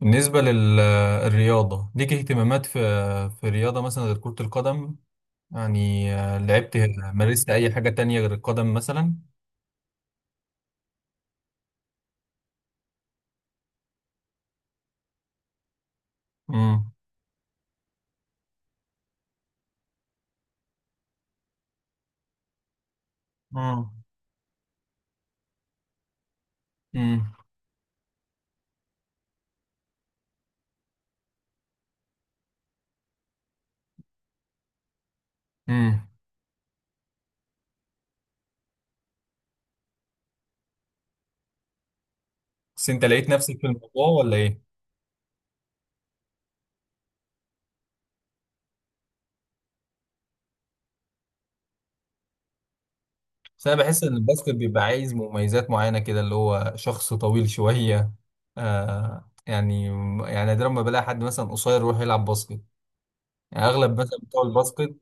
بالنسبة للرياضة ليك اهتمامات في الرياضة مثلا غير كرة القدم. يعني لعبت. مارست أي حاجة تانية غير القدم مثلا؟ امم. مم. امم. امم. بس أنت لقيت نفسك في الموضوع ولا إيه؟ بس أنا بحس إن الباسكت بيبقى عايز مميزات معينة كده، اللي هو شخص طويل شوية. آه يعني، يعني نادرا ما بلاقي حد مثلا قصير يروح يلعب باسكت، يعني أغلب مثلا بتوع الباسكت.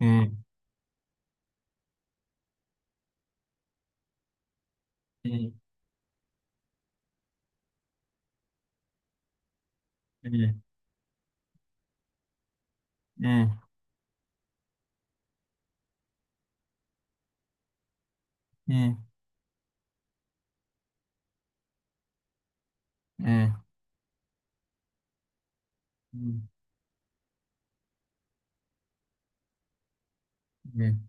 امم. امم. امم. امم. امم. مم.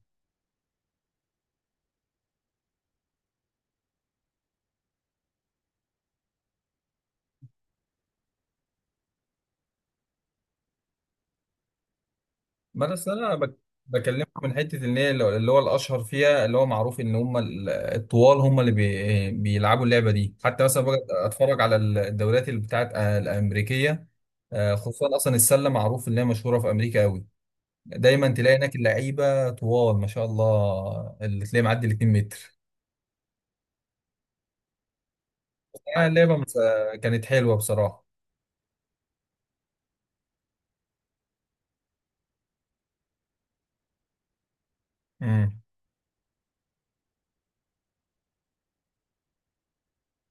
ما انا أصل انا بكلمك من حته ان هي اللي هو الاشهر فيها، اللي هو معروف ان هم الطوال هم اللي بيلعبوا اللعبه دي. حتى مثلا بقى اتفرج على الدوريات اللي بتاعت الامريكيه. خصوصا اصلا السله معروف ان هي مشهوره في امريكا قوي. دايما تلاقي هناك اللعيبه طوال ما شاء الله، اللي تلاقي معدي ال 2 متر. آه، اللعبه مس- آه، كانت حلوه بصراحه. امم.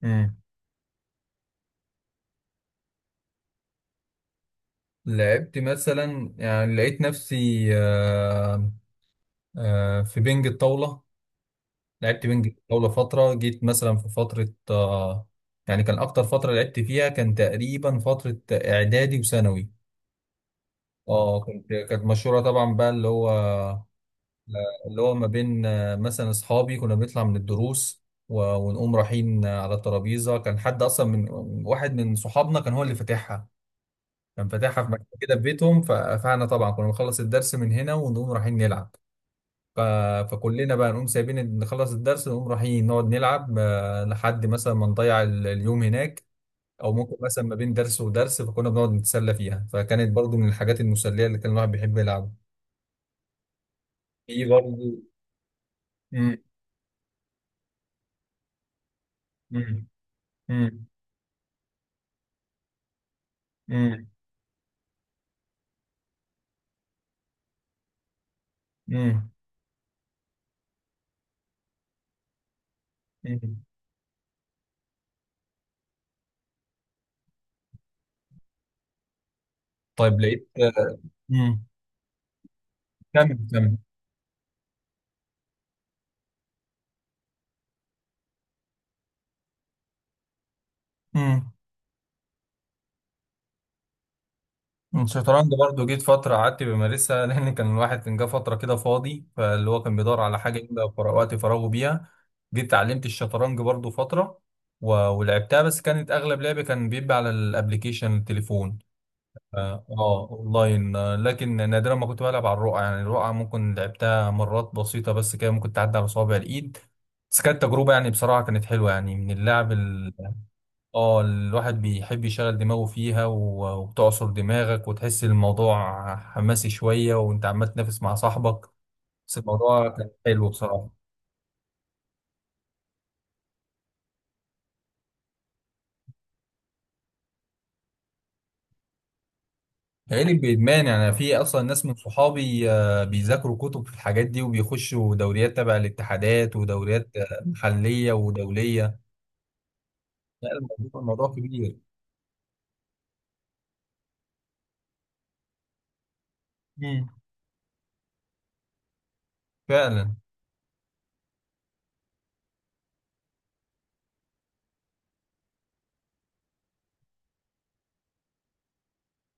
امم. لعبت مثلا، يعني لقيت نفسي في بنج الطاوله. لعبت وينج جولة فترة، جيت مثلا في فترة يعني كان أكتر فترة لعبت فيها كان تقريبا فترة إعدادي وثانوي. اه كنت كانت مشهورة طبعا بقى، اللي هو اللي هو ما بين مثلا أصحابي كنا بنطلع من الدروس ونقوم رايحين على الترابيزة. كان حد أصلا من واحد من صحابنا كان هو اللي فاتحها، كان فاتحها في مكان كده في بيتهم. فاحنا طبعا كنا بنخلص الدرس من هنا ونقوم رايحين نلعب. ف- فكلنا بقى نقوم سايبين نخلص الدرس، نقوم رايحين نقعد نلعب لحد مثلا ما نضيع اليوم هناك. او ممكن مثلا ما بين درس ودرس فكنا بنقعد نتسلى فيها، فكانت برضو من الحاجات المسلية اللي كان الواحد بيحب يلعبها. في برضو. مم. مم. مم. مم. مم. مم. طيب لقيت. مم. كمل كمل. مم. الشطرنج برضه جيت فترة قعدت بمارسها لأن كان الواحد كان جه فترة كده فاضي، فاللي هو كان بيدور على حاجة يملى وقت فراغه بيها. جيت اتعلمت الشطرنج برضه فترة ولعبتها، بس كانت أغلب لعبي كان بيبقى على الأبليكيشن التليفون. أونلاين. لكن نادرا ما كنت بلعب على الرقعة، يعني الرقعة ممكن لعبتها مرات بسيطة بس، كده ممكن تعدي على صوابع الإيد. بس كانت تجربة يعني بصراحة كانت حلوة يعني من اللعب. اه الواحد بيحب يشغل دماغه فيها، وبتعصر دماغك وتحس الموضوع حماسي شوية وانت عمال تنافس مع صاحبك. بس الموضوع كان حلو بصراحة. قالب بإدمان، يعني في أصلا ناس من صحابي بيذاكروا كتب في الحاجات دي وبيخشوا دوريات تبع الاتحادات ودوريات محلية ودولية. لا الموضوع، الموضوع كبير. مم. فعلا.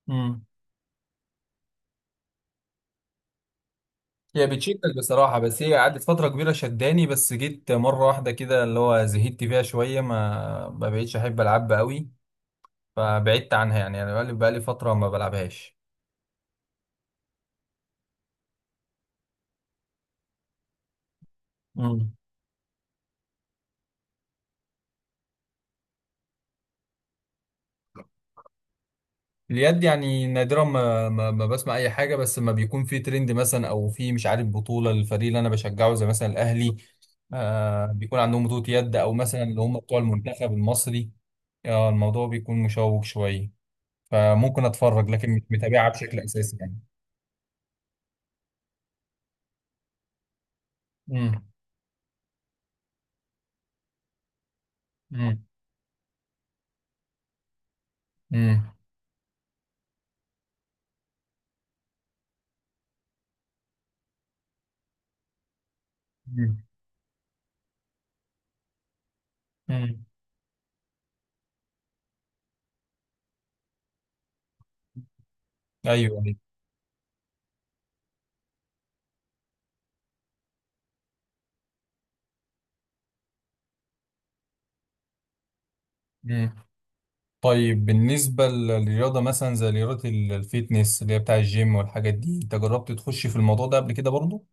مم. هي بتشكل بصراحة، بس هي قعدت فترة كبيرة شداني، بس جيت مرة واحدة كده اللي هو زهدت فيها شوية، ما بقيتش أحب ألعبها قوي. فبعدت عنها، يعني أنا بقالي فترة ما بلعبهاش. مم. اليد يعني نادرا ما بسمع أي حاجة، بس ما بيكون في ترند مثلا أو في مش عارف بطولة للفريق اللي أنا بشجعه، زي مثلا الأهلي. آه بيكون عندهم بطولة يد، أو مثلا اللي هم بتوع المنتخب المصري. آه الموضوع بيكون مشوق شوية، فممكن أتفرج لكن مش متابعها بشكل أساسي يعني. مم. مم. امم. امم. امم. ايوه ايوه. امم. طيب بالنسبه للرياضه مثلا، زي رياضه الفيتنس اللي هي بتاع الجيم والحاجات دي، انت جربت تخش في الموضوع ده قبل كده برضو؟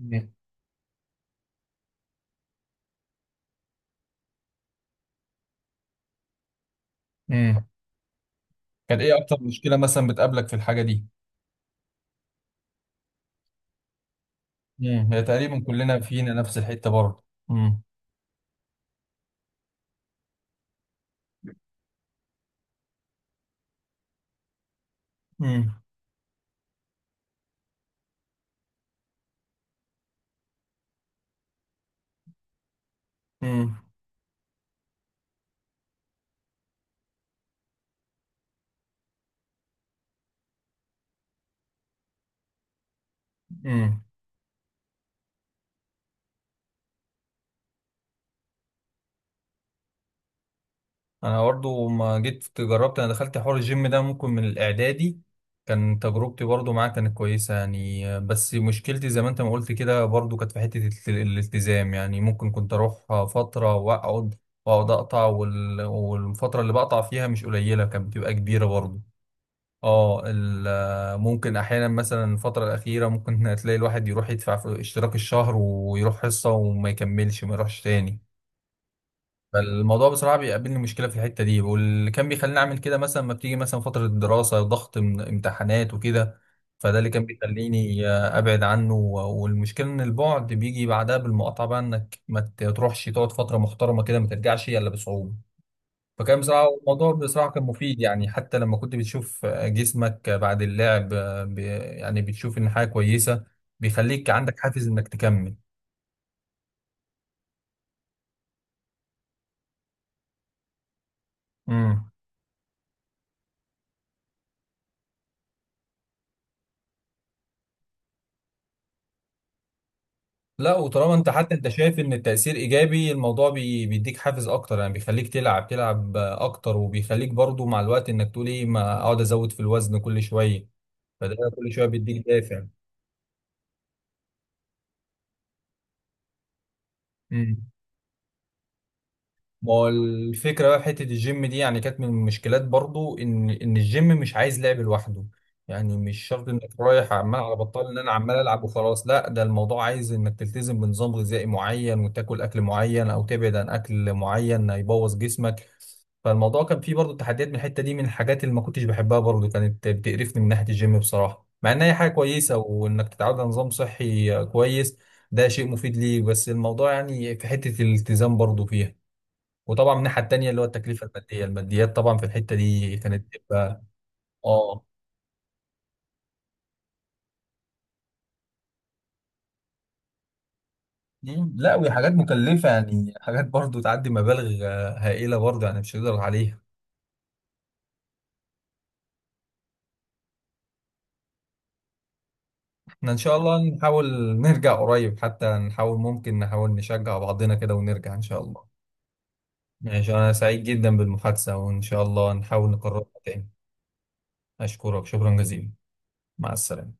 امم. امم. كانت ايه اكتر مشكله مثلا بتقابلك في الحاجه دي؟ هي تقريبا كلنا فينا نفس الحته برضو. امم. امم. امم. انا برضو ما جيت جربت، انا دخلت حوار الجيم ده ممكن من الاعدادي. كان تجربتي برضو معاه كانت كويسه يعني، بس مشكلتي زي ما انت ما قلت كده برضو كانت في حته الالتزام. يعني ممكن كنت اروح فتره واقعد اقطع، والفتره اللي بقطع فيها مش قليله، كانت بتبقى كبيره برضو. اه ممكن احيانا مثلا الفتره الاخيره ممكن تلاقي الواحد يروح يدفع في اشتراك الشهر ويروح حصه وما يكملش، ما يروحش تاني. فالموضوع بصراحة بيقابلني مشكلة في الحتة دي، واللي كان بيخليني أعمل كده مثلا ما بتيجي مثلا فترة الدراسة، ضغط امتحانات وكده. فده اللي كان بيخليني أبعد عنه، والمشكلة إن البعد بيجي بعدها بالمقاطعة بقى، إنك ما تروحش تقعد فترة محترمة كده ما ترجعش إلا بصعوبة. فكان بصراحة الموضوع بصراحة كان مفيد يعني، حتى لما كنت بتشوف جسمك بعد اللعب يعني بتشوف إن حاجة كويسة، بيخليك عندك حافز إنك تكمل. مم. لا وطالما انت، حتى انت شايف ان التأثير ايجابي الموضوع بيديك حافز اكتر، يعني بيخليك تلعب تلعب اكتر، وبيخليك برضو مع الوقت انك تقول ايه ما اقعد ازود في الوزن كل شوية. فده كل شوية بيديك دافع. مم. ما هو الفكرة بقى في حتة الجيم دي، يعني كانت من المشكلات برضو إن الجيم مش عايز لعب لوحده. يعني مش شرط إنك رايح عمال على بطال، إن أنا عمال ألعب وخلاص لا، ده الموضوع عايز إنك تلتزم بنظام غذائي معين وتاكل أكل معين أو تبعد عن أكل معين هيبوظ جسمك. فالموضوع كان فيه برضو تحديات من الحتة دي، من الحاجات اللي ما كنتش بحبها برضو، كانت بتقرفني من ناحية الجيم بصراحة، مع إن هي حاجة كويسة وإنك تتعود على نظام صحي كويس، ده شيء مفيد ليك، بس الموضوع يعني في حتة الالتزام برضو فيها. وطبعا من الناحيه التانيه، اللي هو التكلفه الماديه، الماديات طبعا في الحته دي كانت تبقى. اه. مم. لا وهي حاجات مكلفه يعني، حاجات برضو تعدي مبالغ هائله برضو يعني مش هنقدر عليها. احنا ان شاء الله نحاول نرجع قريب، حتى نحاول ممكن نحاول نشجع بعضنا كده ونرجع ان شاء الله. ماشي انا سعيد جدا بالمحادثه، وان شاء الله نحاول نكررها تاني. اشكرك شكرا جزيلا. مع السلامه.